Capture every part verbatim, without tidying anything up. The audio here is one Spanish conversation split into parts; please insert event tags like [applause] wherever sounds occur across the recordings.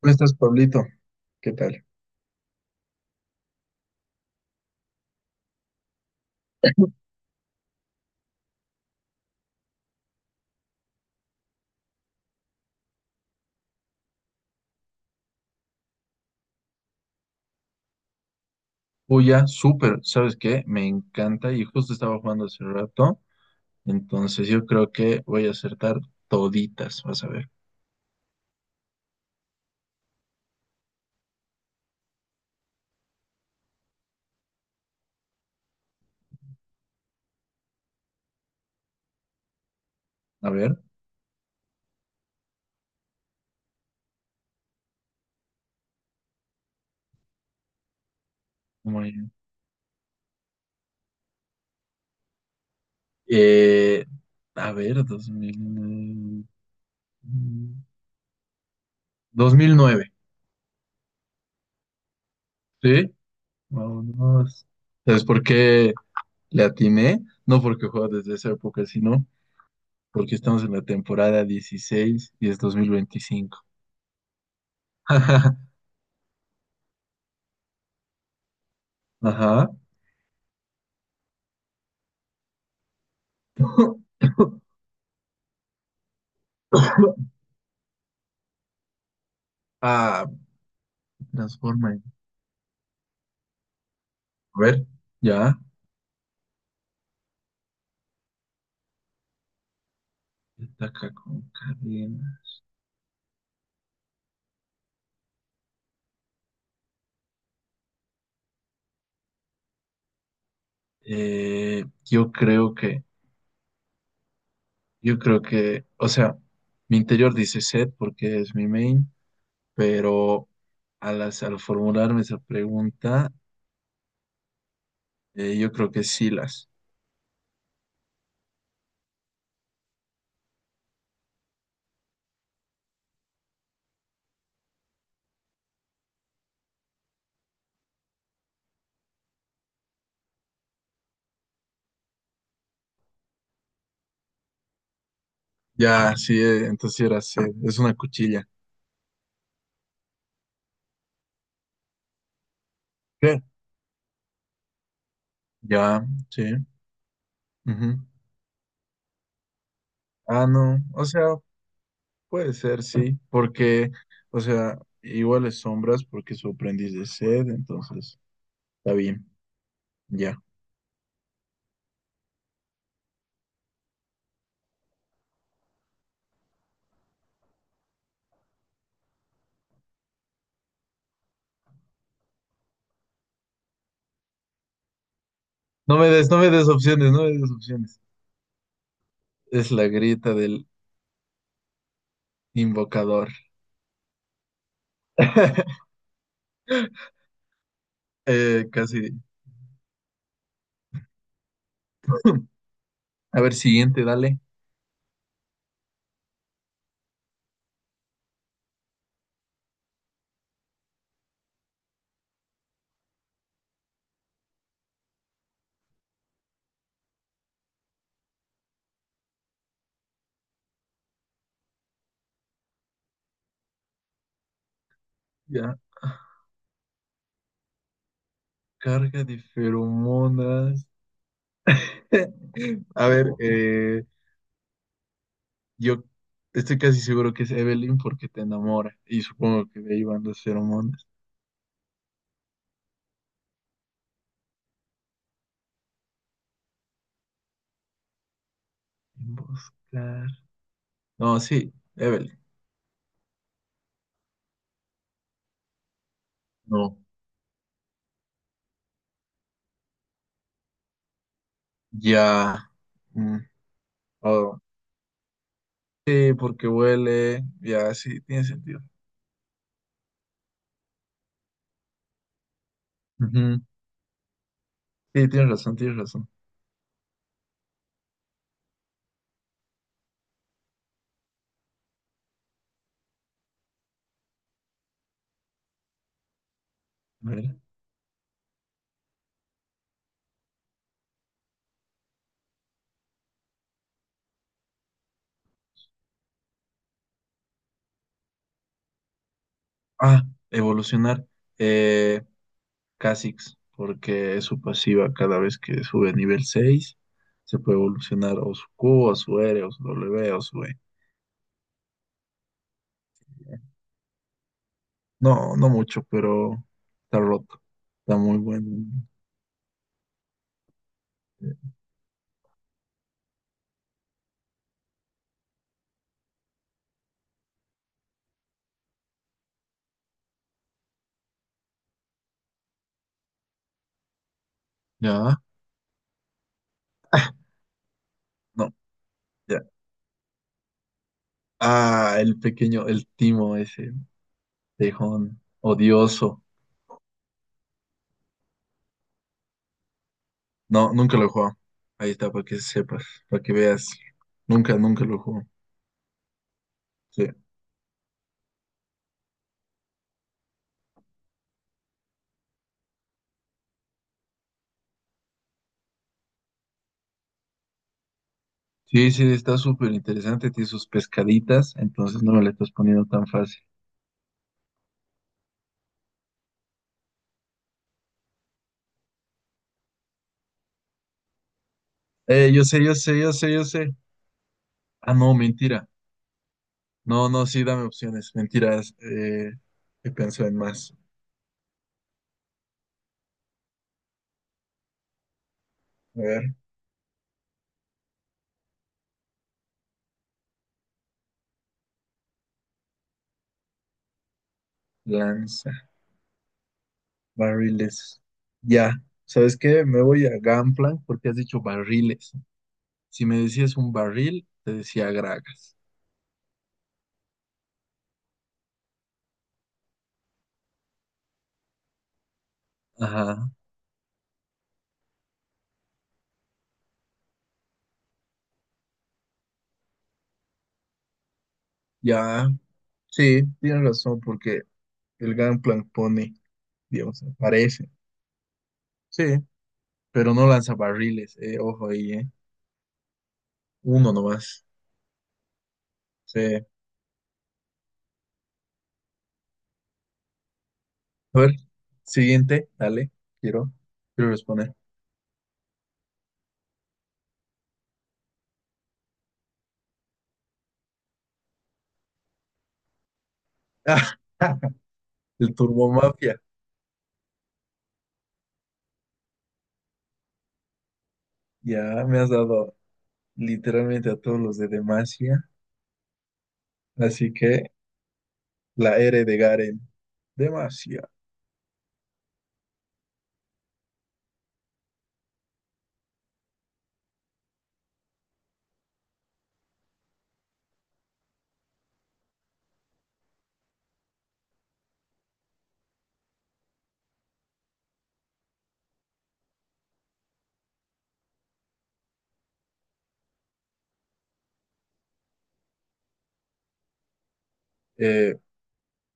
¿Cómo estás, Pablito? ¿Qué tal? Uya, súper, ¿sabes qué? Me encanta y justo estaba jugando hace rato, entonces yo creo que voy a acertar toditas, vas a ver. A ver, muy bien. Eh, a ver, dos mil dos mil nueve, ¿sí? Vámonos. ¿Sabes por qué le atiné? No porque juego desde esa época, sino porque estamos en la temporada dieciséis y es dos mil veinticinco. [laughs] Ajá. [laughs] [coughs] Ah, transforma. A ver, ya. Está acá con cadena. Eh, yo creo que, yo creo que, o sea, mi interior dice set porque es mi main, pero al, hac- al formularme esa pregunta, eh, yo creo que sí las. Ya, sí, eh, entonces sí era set. Es una cuchilla. ¿Qué? Ya, sí. Ujú. Ah, no. O sea. Puede ser, sí, porque, o sea, igual es sombras porque su aprendiz de sed, entonces está bien, ya. No me des, no me des opciones, no me des opciones. Es la grita del invocador. [laughs] Eh, casi. A ver, siguiente, dale. Ya. Carga de feromonas. [laughs] A ver, eh, yo estoy casi seguro que es Evelyn porque te enamora y supongo que de ahí van las feromonas. Buscar. No, sí, Evelyn. No, ya. Mm, oh, sí, porque huele. Ya, sí, tiene sentido. Ujú, sí, tienes razón, tienes razón. A ver. Ah, evolucionar. Eh, Kha'Zix, porque es su pasiva cada vez que sube a nivel seis. Se puede evolucionar o su Q, o su R, o su W, o su E. No, no mucho, pero está roto. Está muy bueno. Eh, ya, no, ya. Ah, el pequeño, el Timo ese, tejón, odioso. No, nunca lo jugó. Ahí está, para que sepas, para que veas. Nunca, nunca lo jugó. Sí, sí, sí, está súper interesante. Tiene sus pescaditas, entonces no me la estás poniendo tan fácil. Eh, yo sé, yo sé, yo sé, yo sé. Ah, no, mentira. No, no, sí, dame opciones. Mentiras. Eh, he pensado en más. A ver, lanza, barriles. Ya, ¿sabes qué? Me voy a Gunplank porque has dicho barriles. Si me decías un barril, te decía gragas. Ajá, ya, sí, tienes razón, porque el Gangplank pone, digamos, aparece. Sí, pero no lanza barriles, eh, ojo ahí, eh. Uno nomás. Sí. A ver, siguiente, dale, quiero, quiero responder. [laughs] el Turbo Mafia. Ya me has dado literalmente a todos los de Demacia, así que la R de Garen. Demacia. Eh,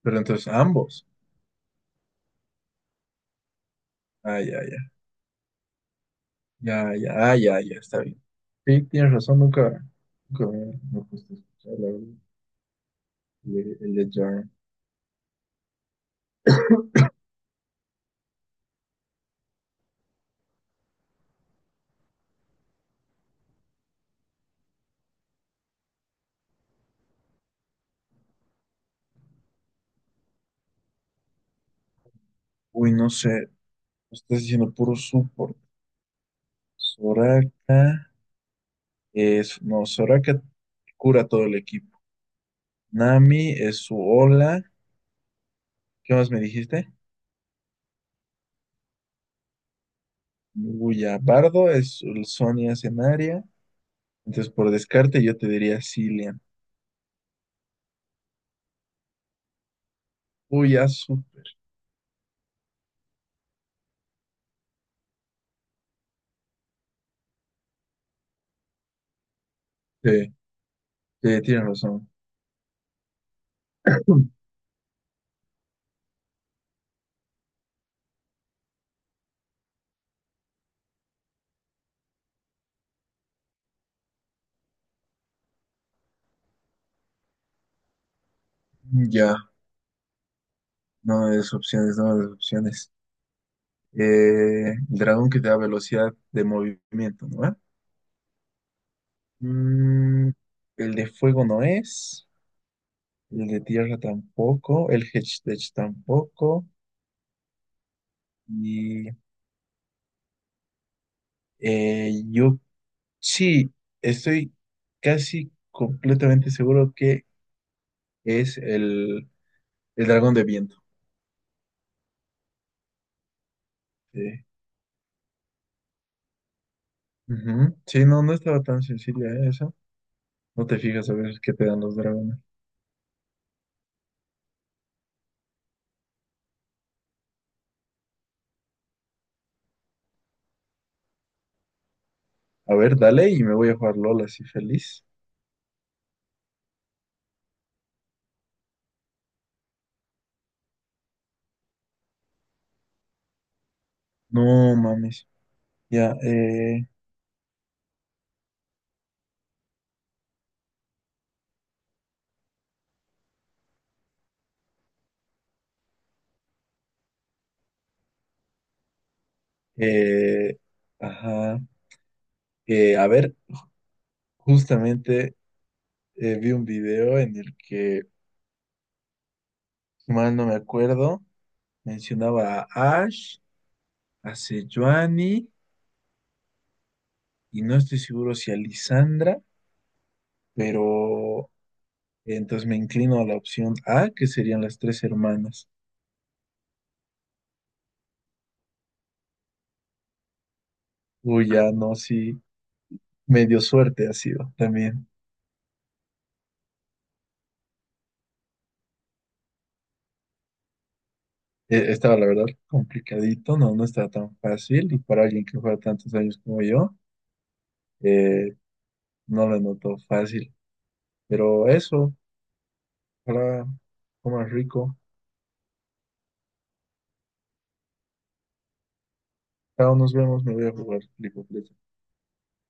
pero entonces ambos. Ay, ay, ay. Ya, ya, ah, ya, ya, está bien. Sí, tienes razón, nunca, nunca me, me puse a escuchar la verdad, el, el de Jarn. Uy, no sé, me estás diciendo puro support. Soraka es, no, Soraka cura todo el equipo. Nami es su ola. ¿Qué más me dijiste? Luya Bardo es el Sonia Cenaria. Entonces, por descarte, yo te diría Cillian. Uy, ya, súper. Sí, sí, tienes razón. [clears throat] Ya, no me des opciones, no me des opciones. Eh, el dragón que te da velocidad de movimiento, ¿no? ¿Eh? Mm, el de fuego no es. El de tierra tampoco. El Hedgehog tampoco. Y eh, yo sí, estoy casi completamente seguro que es el, el dragón de viento. Sí. Ujú. Sí, no, no estaba tan sencilla, ¿eh? Esa. No te fijas a ver qué te dan los dragones. A ver, dale y me voy a jugar L O L así feliz. No mames. Ya, eh. Eh, ajá. Eh, a ver, justamente eh, vi un video en el que, si mal no me acuerdo, mencionaba a Ash, a Sejuani, y no estoy seguro si a Lisandra, pero entonces me inclino a la opción A, que serían las tres hermanas. Uy, ya no, sí, medio suerte ha sido también. Eh, estaba, la verdad, complicadito, no, no estaba tan fácil, y para alguien que juega tantos años como yo, eh, no lo noto fácil. Pero eso, ojalá comas rico. Chao, nos vemos, me voy a jugar League of Legends.